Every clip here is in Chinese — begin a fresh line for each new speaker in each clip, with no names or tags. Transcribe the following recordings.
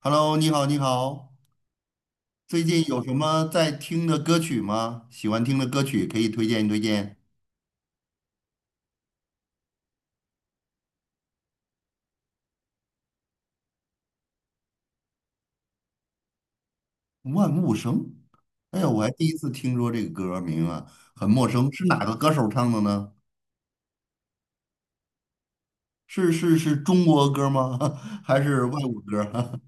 Hello，你好，你好，最近有什么在听的歌曲吗？喜欢听的歌曲可以推荐推荐。万物生，哎呀，我还第一次听说这个歌名啊，很陌生，是哪个歌手唱的呢？是中国歌吗？还是外国歌？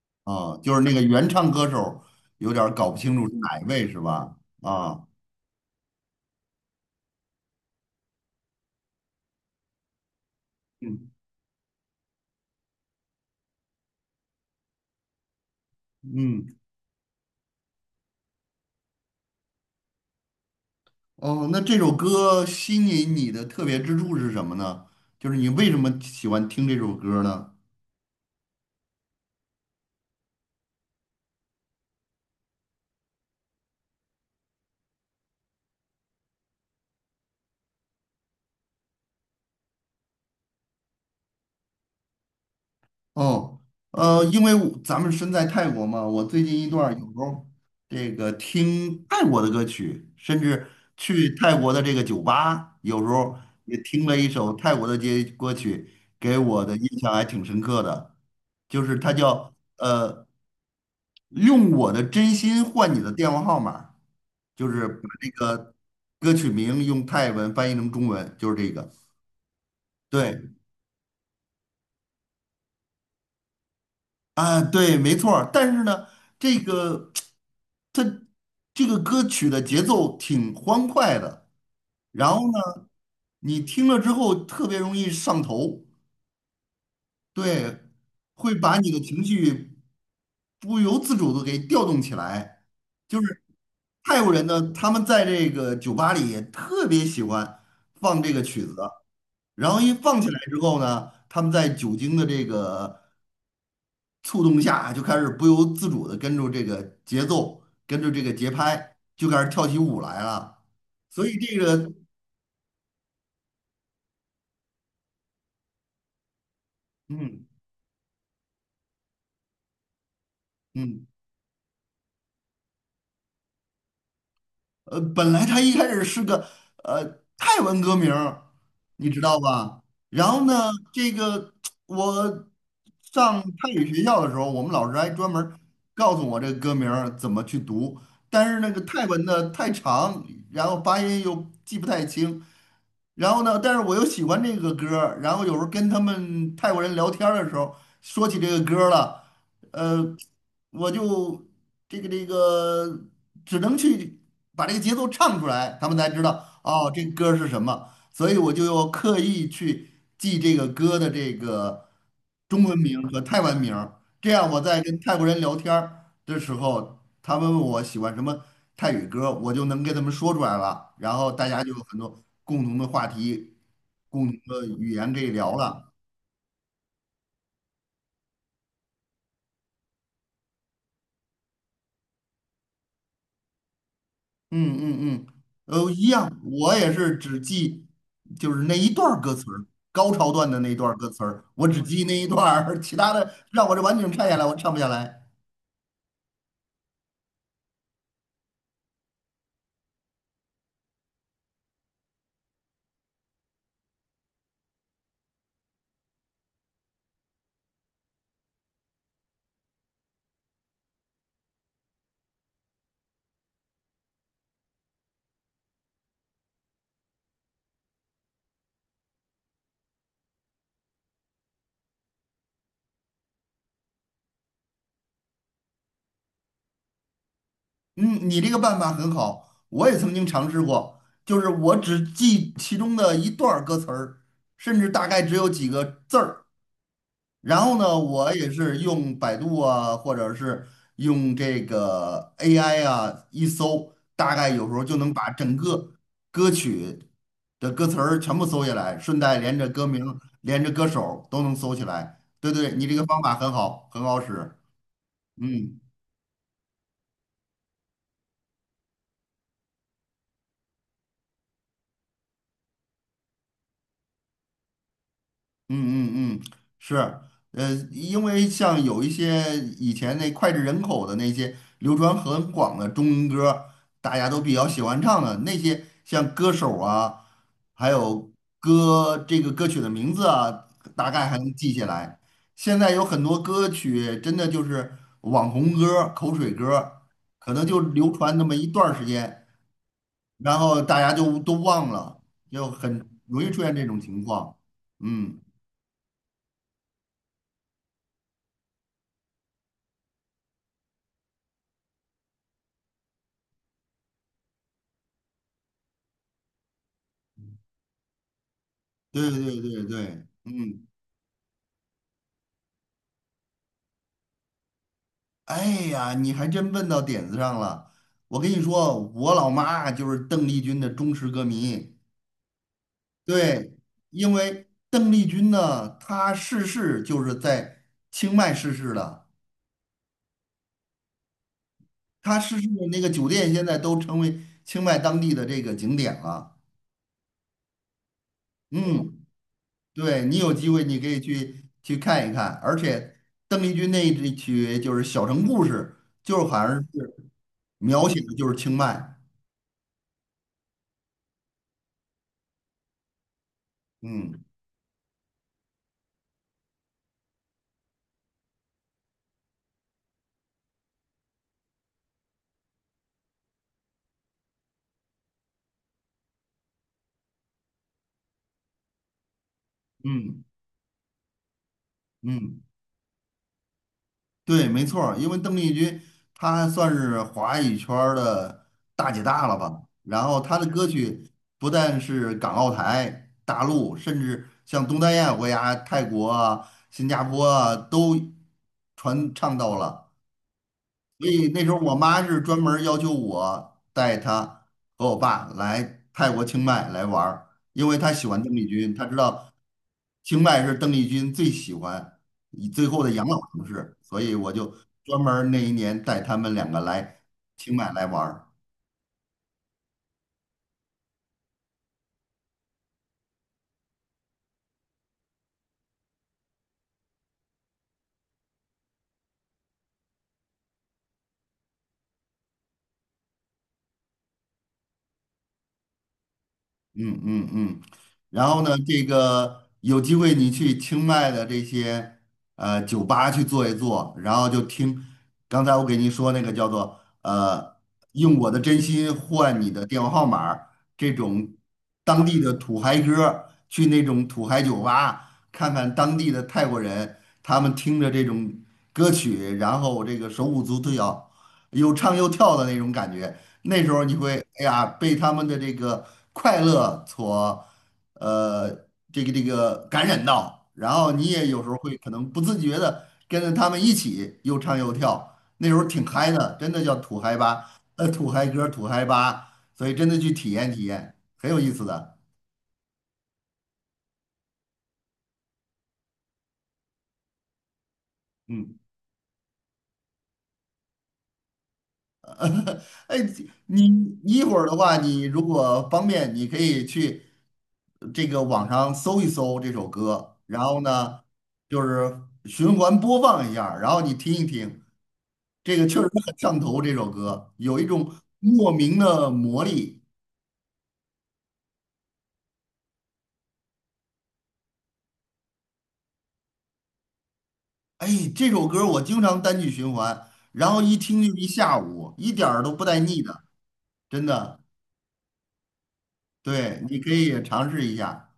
啊，就是那个原唱歌手，有点儿搞不清楚是哪一位是吧？啊，嗯嗯，哦，那这首歌吸引你的特别之处是什么呢？就是你为什么喜欢听这首歌呢？哦，因为我咱们身在泰国嘛，我最近一段儿有时候这个听泰国的歌曲，甚至去泰国的这个酒吧，有时候也听了一首泰国的街歌曲，给我的印象还挺深刻的，就是它叫用我的真心换你的电话号码，就是把这个歌曲名用泰文翻译成中文，就是这个，对。啊，对，没错儿。但是呢，这个它这个歌曲的节奏挺欢快的，然后呢，你听了之后特别容易上头，对，会把你的情绪不由自主的给调动起来。就是泰国人呢，他们在这个酒吧里也特别喜欢放这个曲子，然后一放起来之后呢，他们在酒精的这个触动下啊，就开始不由自主的跟着这个节奏，跟着这个节拍，就开始跳起舞来了。所以这个，嗯嗯，本来他一开始是个呃泰文歌名儿你知道吧？然后呢，这个我上泰语学校的时候，我们老师还专门儿告诉我这个歌名儿怎么去读，但是那个泰文呢太长，然后发音又记不太清。然后呢，但是我又喜欢这个歌儿然后有时候跟他们泰国人聊天儿的时候说起这个歌儿了。呃，我就这个只能去把这个节奏唱出来，他们才知道哦，这歌儿是什么。所以我就要刻意去记这个歌的这个中文名和泰文名儿这样我在跟泰国人聊天儿的时候，他们问我喜欢什么泰语歌，我就能跟他们说出来了，然后大家就有很多共同的话题、共同的语言可以聊了。嗯嗯嗯，一样，我也是只记就是那一段儿歌词儿，高潮段的那一段儿歌词儿，我只记那一段儿，其他的让我这完整唱下来，我唱不下来。嗯，你这个办法很好，我也曾经尝试过，就是我只记其中的一段儿歌词儿，甚至大概只有几个字儿。然后呢，我也是用百度啊，或者是用这个 AI 啊，一搜，大概有时候就能把整个歌曲的歌词儿全部搜下来，顺带连着歌名、连着歌手都能搜起来。对对，你这个方法很好，很好使。嗯嗯嗯嗯，是，因为像有一些以前那脍炙人口的那些流传很广的中文歌，大家都比较喜欢唱的那些，像歌手啊，还有歌这个歌曲的名字啊，大概还能记下来。现在有很多歌曲真的就是网红歌、口水歌，可能就流传那么一段儿时间，然后大家就都忘了，就很容易出现这种情况。嗯。对对对对，嗯，哎呀，你还真问到点子上了。我跟你说，我老妈就是邓丽君的忠实歌迷。对，因为邓丽君呢，她逝世就是在清迈逝世的，她逝世的那个酒店现在都成为清迈当地的这个景点了。嗯，对，你有机会你可以去去看一看，而且邓丽君那一支曲就是《小城故事》，就是好像是描写的就是清迈。嗯嗯嗯，对，没错儿因为邓丽君她算是华语圈儿的大姐大了吧，然后她的歌曲不但是港澳台、大陆，甚至像东南亚国家、泰国啊、新加坡啊，都传唱到了。所以那时候我妈是专门要求我带她和我爸来泰国清迈来玩儿，因为她喜欢邓丽君，她知道清迈是邓丽君最喜欢以最后的养老城市，所以我就专门儿那一年带他们两个来清迈来玩儿。嗯嗯嗯，然后呢，这个有机会你去清迈的这些酒吧去坐一坐，然后就听刚才我给您说那个叫做用我的真心换你的电话号码儿这种当地的土嗨歌儿去那种土嗨酒吧看看当地的泰国人，他们听着这种歌曲，然后这个手舞足蹈，又唱又跳的那种感觉。那时候你会，哎呀，被他们的这个快乐所，呃，这个感染到，然后你也有时候会可能不自觉的跟着他们一起又唱又跳，那时候挺嗨的，真的叫土嗨吧，土嗨歌，土嗨吧，所以真的去体验体验，很有意思的，嗯。哎，你你一会儿的话，你如果方便，你可以去这个网上搜一搜这首歌，然后呢，就是循环播放一下儿然后你听一听，这个确实很上头。这首歌有一种莫名的魔力。哎，这首歌我经常单曲循环，然后一听就一下午，一点儿都不带腻的，真的。对，你可以尝试一下。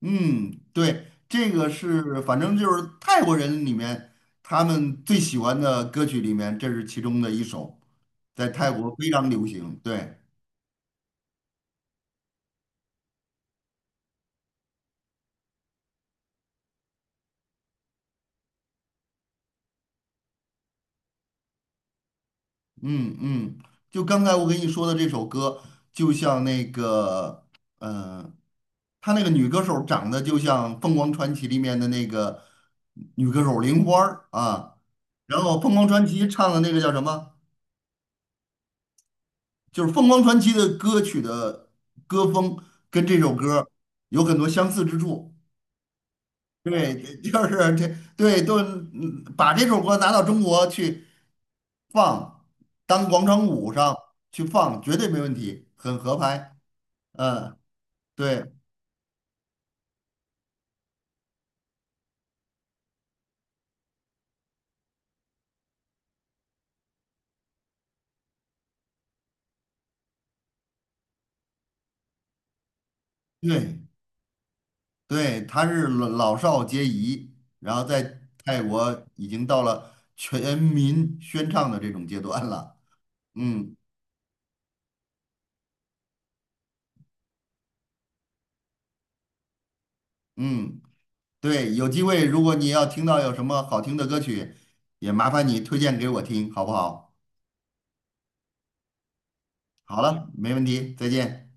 嗯，对，这个是反正就是泰国人里面他们最喜欢的歌曲里面，这是其中的一首，在泰嗯国非常流行。对，嗯嗯，就刚才我跟你说的这首歌，就像那个，呃，他那个女歌手长得就像《凤凰传奇》里面的那个女歌手玲花儿啊，然后《凤凰传奇》唱的那个叫什么？就是凤凰传奇的歌曲的歌风跟这首歌有很多相似之处。对，就是这，对，都嗯把这首歌拿到中国去放，当广场舞上去放，绝对没问题，很合拍。嗯，对，对，对，他是老老少皆宜，然后在泰国已经到了全民宣唱的这种阶段了。嗯嗯。对，有机会如果你要听到有什么好听的歌曲，也麻烦你推荐给我听，好不好？好了，没问题，再见。